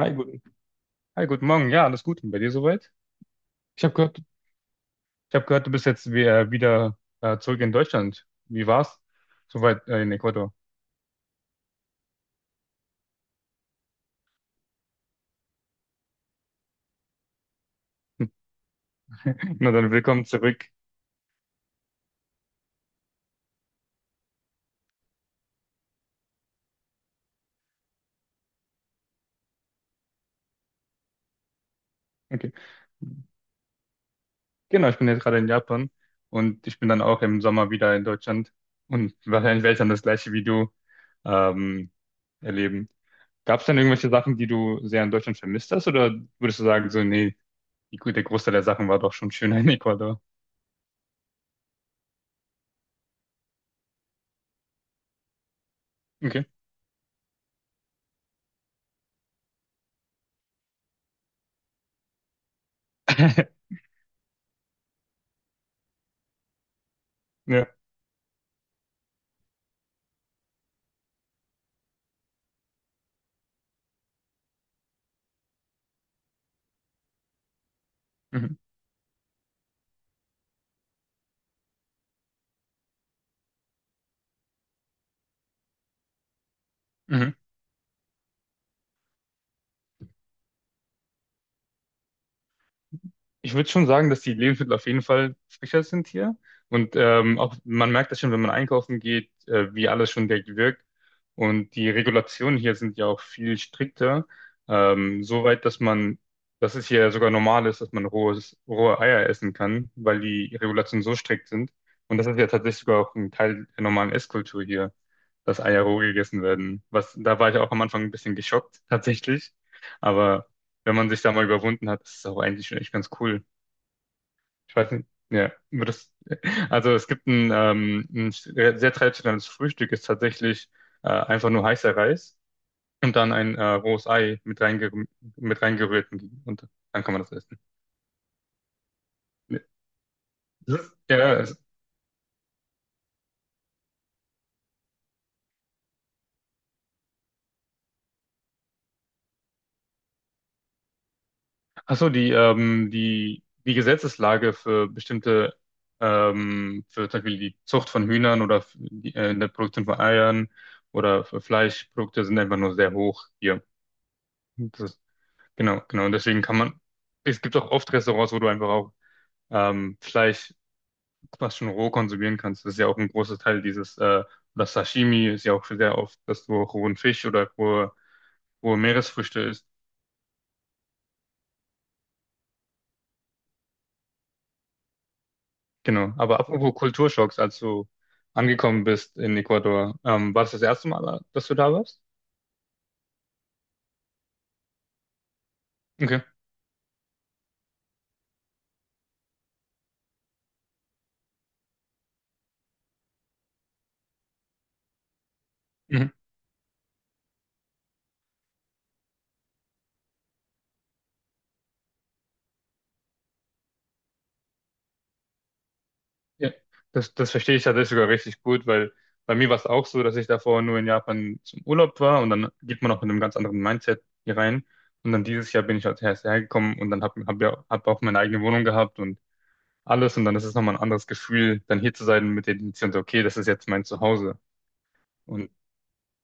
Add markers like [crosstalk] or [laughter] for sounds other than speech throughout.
Hi, guten Morgen. Ja, alles gut. Und bei dir soweit? Ich habe gehört, ich habe gehört, du bist jetzt wieder, wieder zurück in Deutschland. Wie war's? Soweit in Ecuador. [laughs] Na dann, willkommen zurück. Okay. Genau, ich bin jetzt gerade in Japan und ich bin dann auch im Sommer wieder in Deutschland und wahrscheinlich werde ich dann das gleiche wie du ähm, erleben. Gab es denn irgendwelche Sachen, die du sehr in Deutschland vermisst hast oder würdest du sagen, so, nee, der Großteil der Sachen war doch schon schöner in Ecuador? Okay. [laughs] Ja. Mhm. Mhm. Ich würde schon sagen, dass die Lebensmittel auf jeden Fall frischer sind hier. Und auch man merkt das schon, wenn man einkaufen geht, wie alles schon direkt wirkt. Und die Regulationen hier sind ja auch viel strikter. Soweit, dass es hier sogar normal ist, dass man rohe Eier essen kann, weil die Regulationen so strikt sind. Und das ist ja tatsächlich sogar auch ein Teil der normalen Esskultur hier, dass Eier roh gegessen werden. Was, da war ich auch am Anfang ein bisschen geschockt, tatsächlich. Aber wenn man sich da mal überwunden hat, ist es auch eigentlich schon echt ganz cool. Ich weiß nicht, ja, aber das, also es gibt ein sehr sehr traditionelles Frühstück, ist tatsächlich einfach nur heißer Reis und dann ein rohes Ei mit reingerührt und dann kann man das essen. Ja, ja, es- ach so, die Gesetzeslage für für zum Beispiel die Zucht von Hühnern oder für in der Produktion von Eiern oder für Fleischprodukte sind einfach nur sehr hoch hier. Genau, genau. Und deswegen es gibt auch oft Restaurants, wo du einfach auch Fleisch fast schon roh konsumieren kannst. Das ist ja auch ein großer Teil oder Sashimi ist ja auch sehr oft, dass du rohen Fisch oder rohe Meeresfrüchte isst. Genau. Aber apropos Kulturschocks, als du angekommen bist in Ecuador, war das das erste Mal, dass du da warst? Okay. Mhm. Ja, das verstehe ich tatsächlich sogar richtig gut, weil bei mir war es auch so, dass ich davor nur in Japan zum Urlaub war und dann geht man auch mit einem ganz anderen Mindset hier rein. Und dann dieses Jahr bin ich als erst hergekommen und dann habe hab hab ja hab auch meine eigene Wohnung gehabt und alles. Und dann ist es nochmal ein anderes Gefühl, dann hier zu sein mit der Intention, so, okay, das ist jetzt mein Zuhause. Und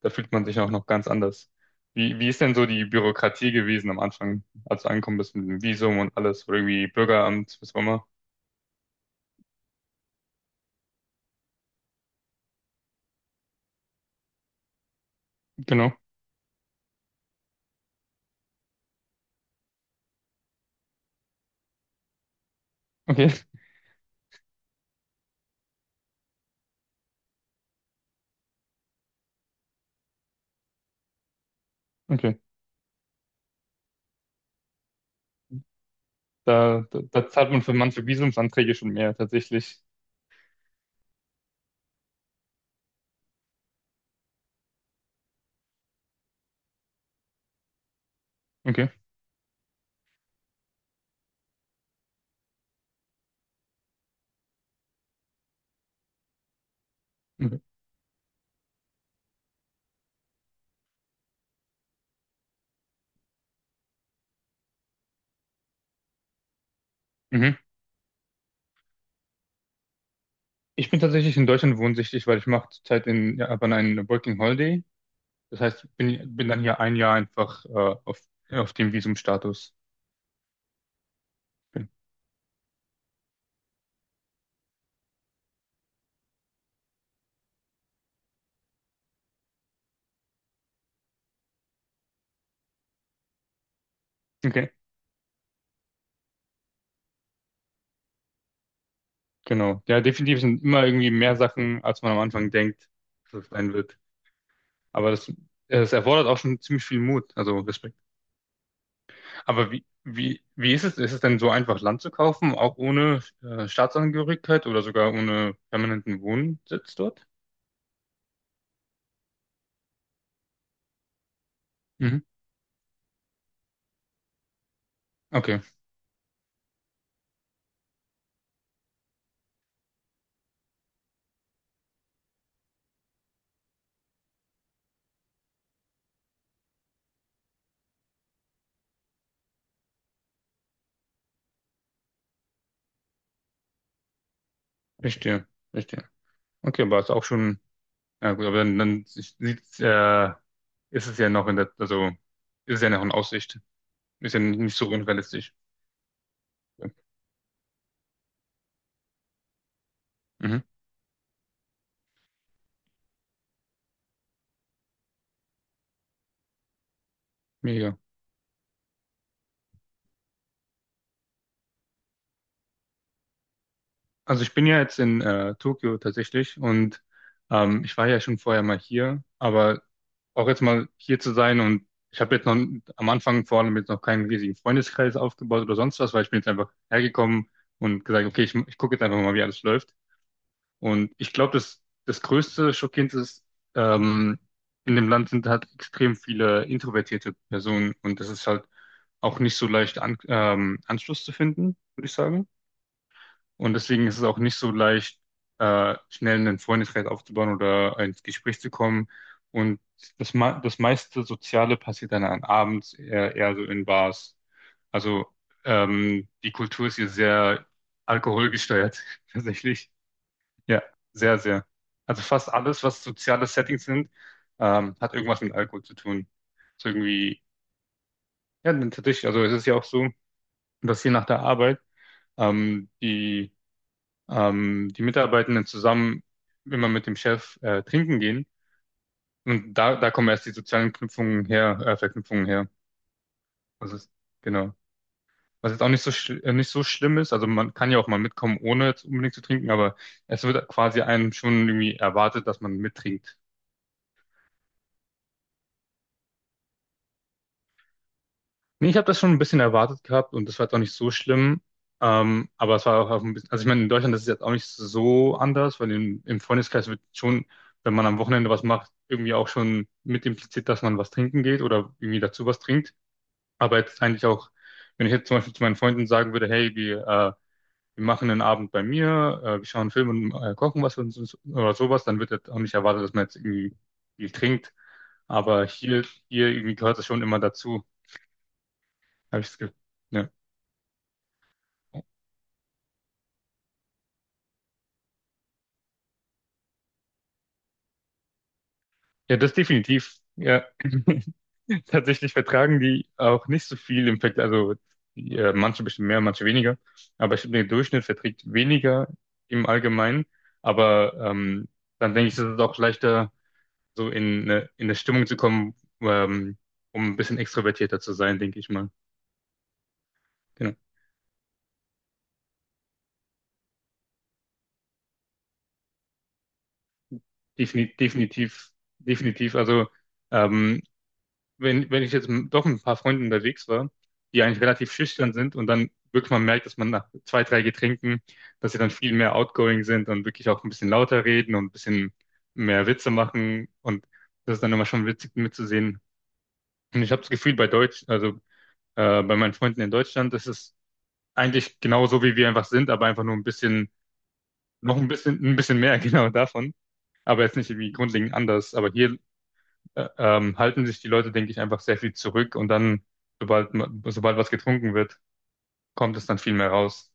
da fühlt man sich auch noch ganz anders. Wie ist denn so die Bürokratie gewesen am Anfang, als du angekommen bist mit dem Visum und alles, oder irgendwie Bürgeramt, was auch immer? Genau. Okay, okay. Da zahlt man für manche Visumsanträge schon mehr, tatsächlich. Okay. Mhm. Mhm. Ich bin tatsächlich in Deutschland wohnsichtig, weil ich mache zurzeit in Japan einen Working Holiday. Das heißt, bin dann hier ein Jahr einfach auf, auf dem Visumstatus. Okay, genau. Ja, definitiv sind immer irgendwie mehr Sachen, als man am Anfang denkt, dass es sein wird. Aber das, es erfordert auch schon ziemlich viel Mut. Also Respekt. Aber wie ist es? Ist es denn so einfach, Land zu kaufen, auch ohne Staatsangehörigkeit oder sogar ohne permanenten Wohnsitz dort? Mhm. Okay, verstehe, verstehe. Okay, aber ist auch schon, ja gut, aber dann, dann sieht's, ist es ja noch in der, also ist es ja noch in Aussicht. Ist ja nicht so unrealistisch. Mhm. Mega. Also ich bin ja jetzt in Tokio tatsächlich und ich war ja schon vorher mal hier, aber auch jetzt mal hier zu sein und ich habe jetzt noch am Anfang vor allem jetzt noch keinen riesigen Freundeskreis aufgebaut oder sonst was, weil ich bin jetzt einfach hergekommen und gesagt, okay, ich gucke jetzt einfach mal, wie alles läuft. Und ich glaube, das größte Schockierende ist, ähm, in dem Land sind halt extrem viele introvertierte Personen und das ist halt auch nicht so leicht Anschluss zu finden, würde ich sagen. Und deswegen ist es auch nicht so leicht, schnell einen Freundeskreis aufzubauen oder ins Gespräch zu kommen. Und das meiste Soziale passiert dann an abends eher so in Bars. Also die Kultur ist hier sehr alkoholgesteuert, [laughs] tatsächlich. Ja, sehr. Also fast alles, was soziale Settings sind, hat irgendwas mit Alkohol zu tun. Ist irgendwie, ja, tatsächlich, also es ist ja auch so, dass hier nach der Arbeit ähm, die die Mitarbeitenden zusammen immer mit dem Chef trinken gehen. Und da kommen erst die sozialen Verknüpfungen her. Das ist, genau. Was jetzt auch nicht so, nicht so schlimm ist. Also man kann ja auch mal mitkommen, ohne jetzt unbedingt zu trinken, aber es wird quasi einem schon irgendwie erwartet, dass man mittrinkt. Nee, ich habe das schon ein bisschen erwartet gehabt und das war jetzt auch nicht so schlimm. Aber es war auch auf ein bisschen, also ich meine, in Deutschland das ist es jetzt auch nicht so anders, im Freundeskreis wird schon, wenn man am Wochenende was macht, irgendwie auch schon mit impliziert, dass man was trinken geht oder irgendwie dazu was trinkt. Aber jetzt eigentlich auch, wenn ich jetzt zum Beispiel zu meinen Freunden sagen würde, hey, wir machen einen Abend bei mir, wir schauen einen Film und kochen was und so, oder sowas, dann wird jetzt auch nicht erwartet, dass man jetzt irgendwie viel trinkt. Aber hier irgendwie gehört das schon immer dazu, habe ich das Gefühl. Ja. Ja, das definitiv. Ja. [laughs] Tatsächlich vertragen die auch nicht so viel im Vergleich. Also manche bestimmt mehr, manche weniger. Aber ich glaube, der Durchschnitt verträgt weniger im Allgemeinen. Aber dann denke ich, ist es auch leichter, so in eine Stimmung zu kommen, ähm, um ein bisschen extrovertierter zu sein, denke ich mal. Genau. Defini definitiv, definitiv. Also ähm, wenn ich jetzt doch mit ein paar Freunden unterwegs war, die eigentlich relativ schüchtern sind und dann wirklich mal merkt, dass man nach zwei, drei Getränken, dass sie dann viel mehr outgoing sind und wirklich auch ein bisschen lauter reden und ein bisschen mehr Witze machen und das ist dann immer schon witzig mitzusehen. Und ich habe das Gefühl bei meinen Freunden in Deutschland, das ist eigentlich genauso, wie wir einfach sind, aber einfach nur ein bisschen, ein bisschen mehr [laughs] genau davon. Aber jetzt nicht irgendwie grundlegend anders. Aber hier halten sich die Leute, denke ich, einfach sehr viel zurück und dann, sobald was getrunken wird, kommt es dann viel mehr raus.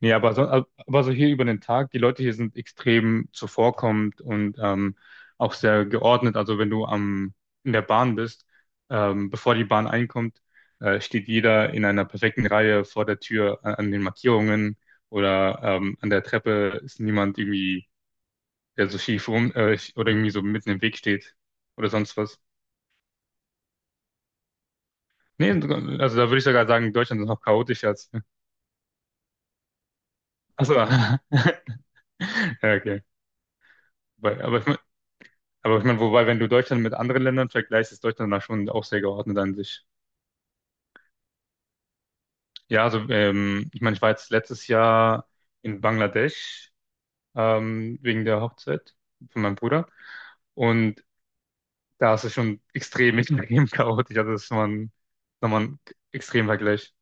Nee, aber so hier über den Tag, die Leute hier sind extrem zuvorkommend und auch sehr geordnet. Also wenn du in der Bahn bist, bevor die Bahn einkommt, steht jeder in einer perfekten Reihe vor der Tür an, an den Markierungen oder an der Treppe ist niemand irgendwie, der so schief rum oder irgendwie so mitten im Weg steht oder sonst was. Nee, also da würde ich sogar sagen, Deutschland ist noch chaotischer als. Achso. [laughs] Ja, okay. Aber ich mein, wobei, wenn du Deutschland mit anderen Ländern vergleichst, ist Deutschland da schon auch sehr geordnet an sich. Ja, also ich meine, ich war jetzt letztes Jahr in Bangladesch wegen der Hochzeit von meinem Bruder. Und da ist es schon extrem, [laughs] extrem chaotisch. Also das ist nochmal ein extrem Vergleich.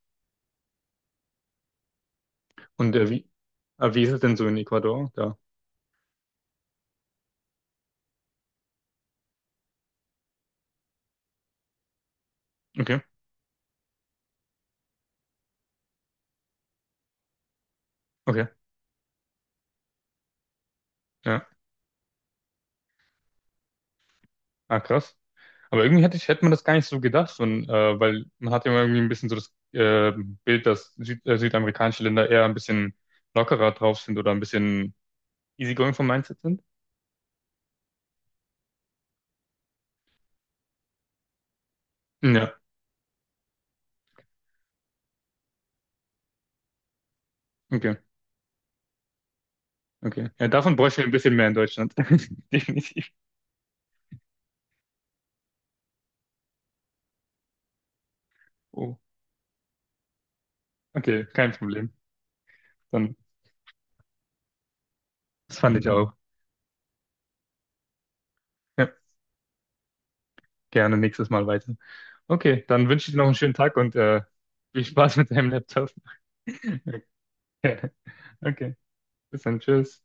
Und wie ist es denn so in Ecuador? Da. Okay, okay. Ja. Ah, krass. Aber irgendwie hätte hätte man das gar nicht so gedacht, und, weil man hat ja immer irgendwie ein bisschen so das Bild, dass südamerikanische Länder eher ein bisschen lockerer drauf sind oder ein bisschen easygoing vom Mindset sind. Ja, okay, okay. Ja, davon bräuchten wir ein bisschen mehr in Deutschland. [laughs] Definitiv. Oh, okay, kein Problem. Dann, das fand ich auch. Ja, gerne nächstes Mal weiter. Okay, dann wünsche ich dir noch einen schönen Tag und viel Spaß mit deinem Laptop. [laughs] Okay, okay. Bis dann, tschüss.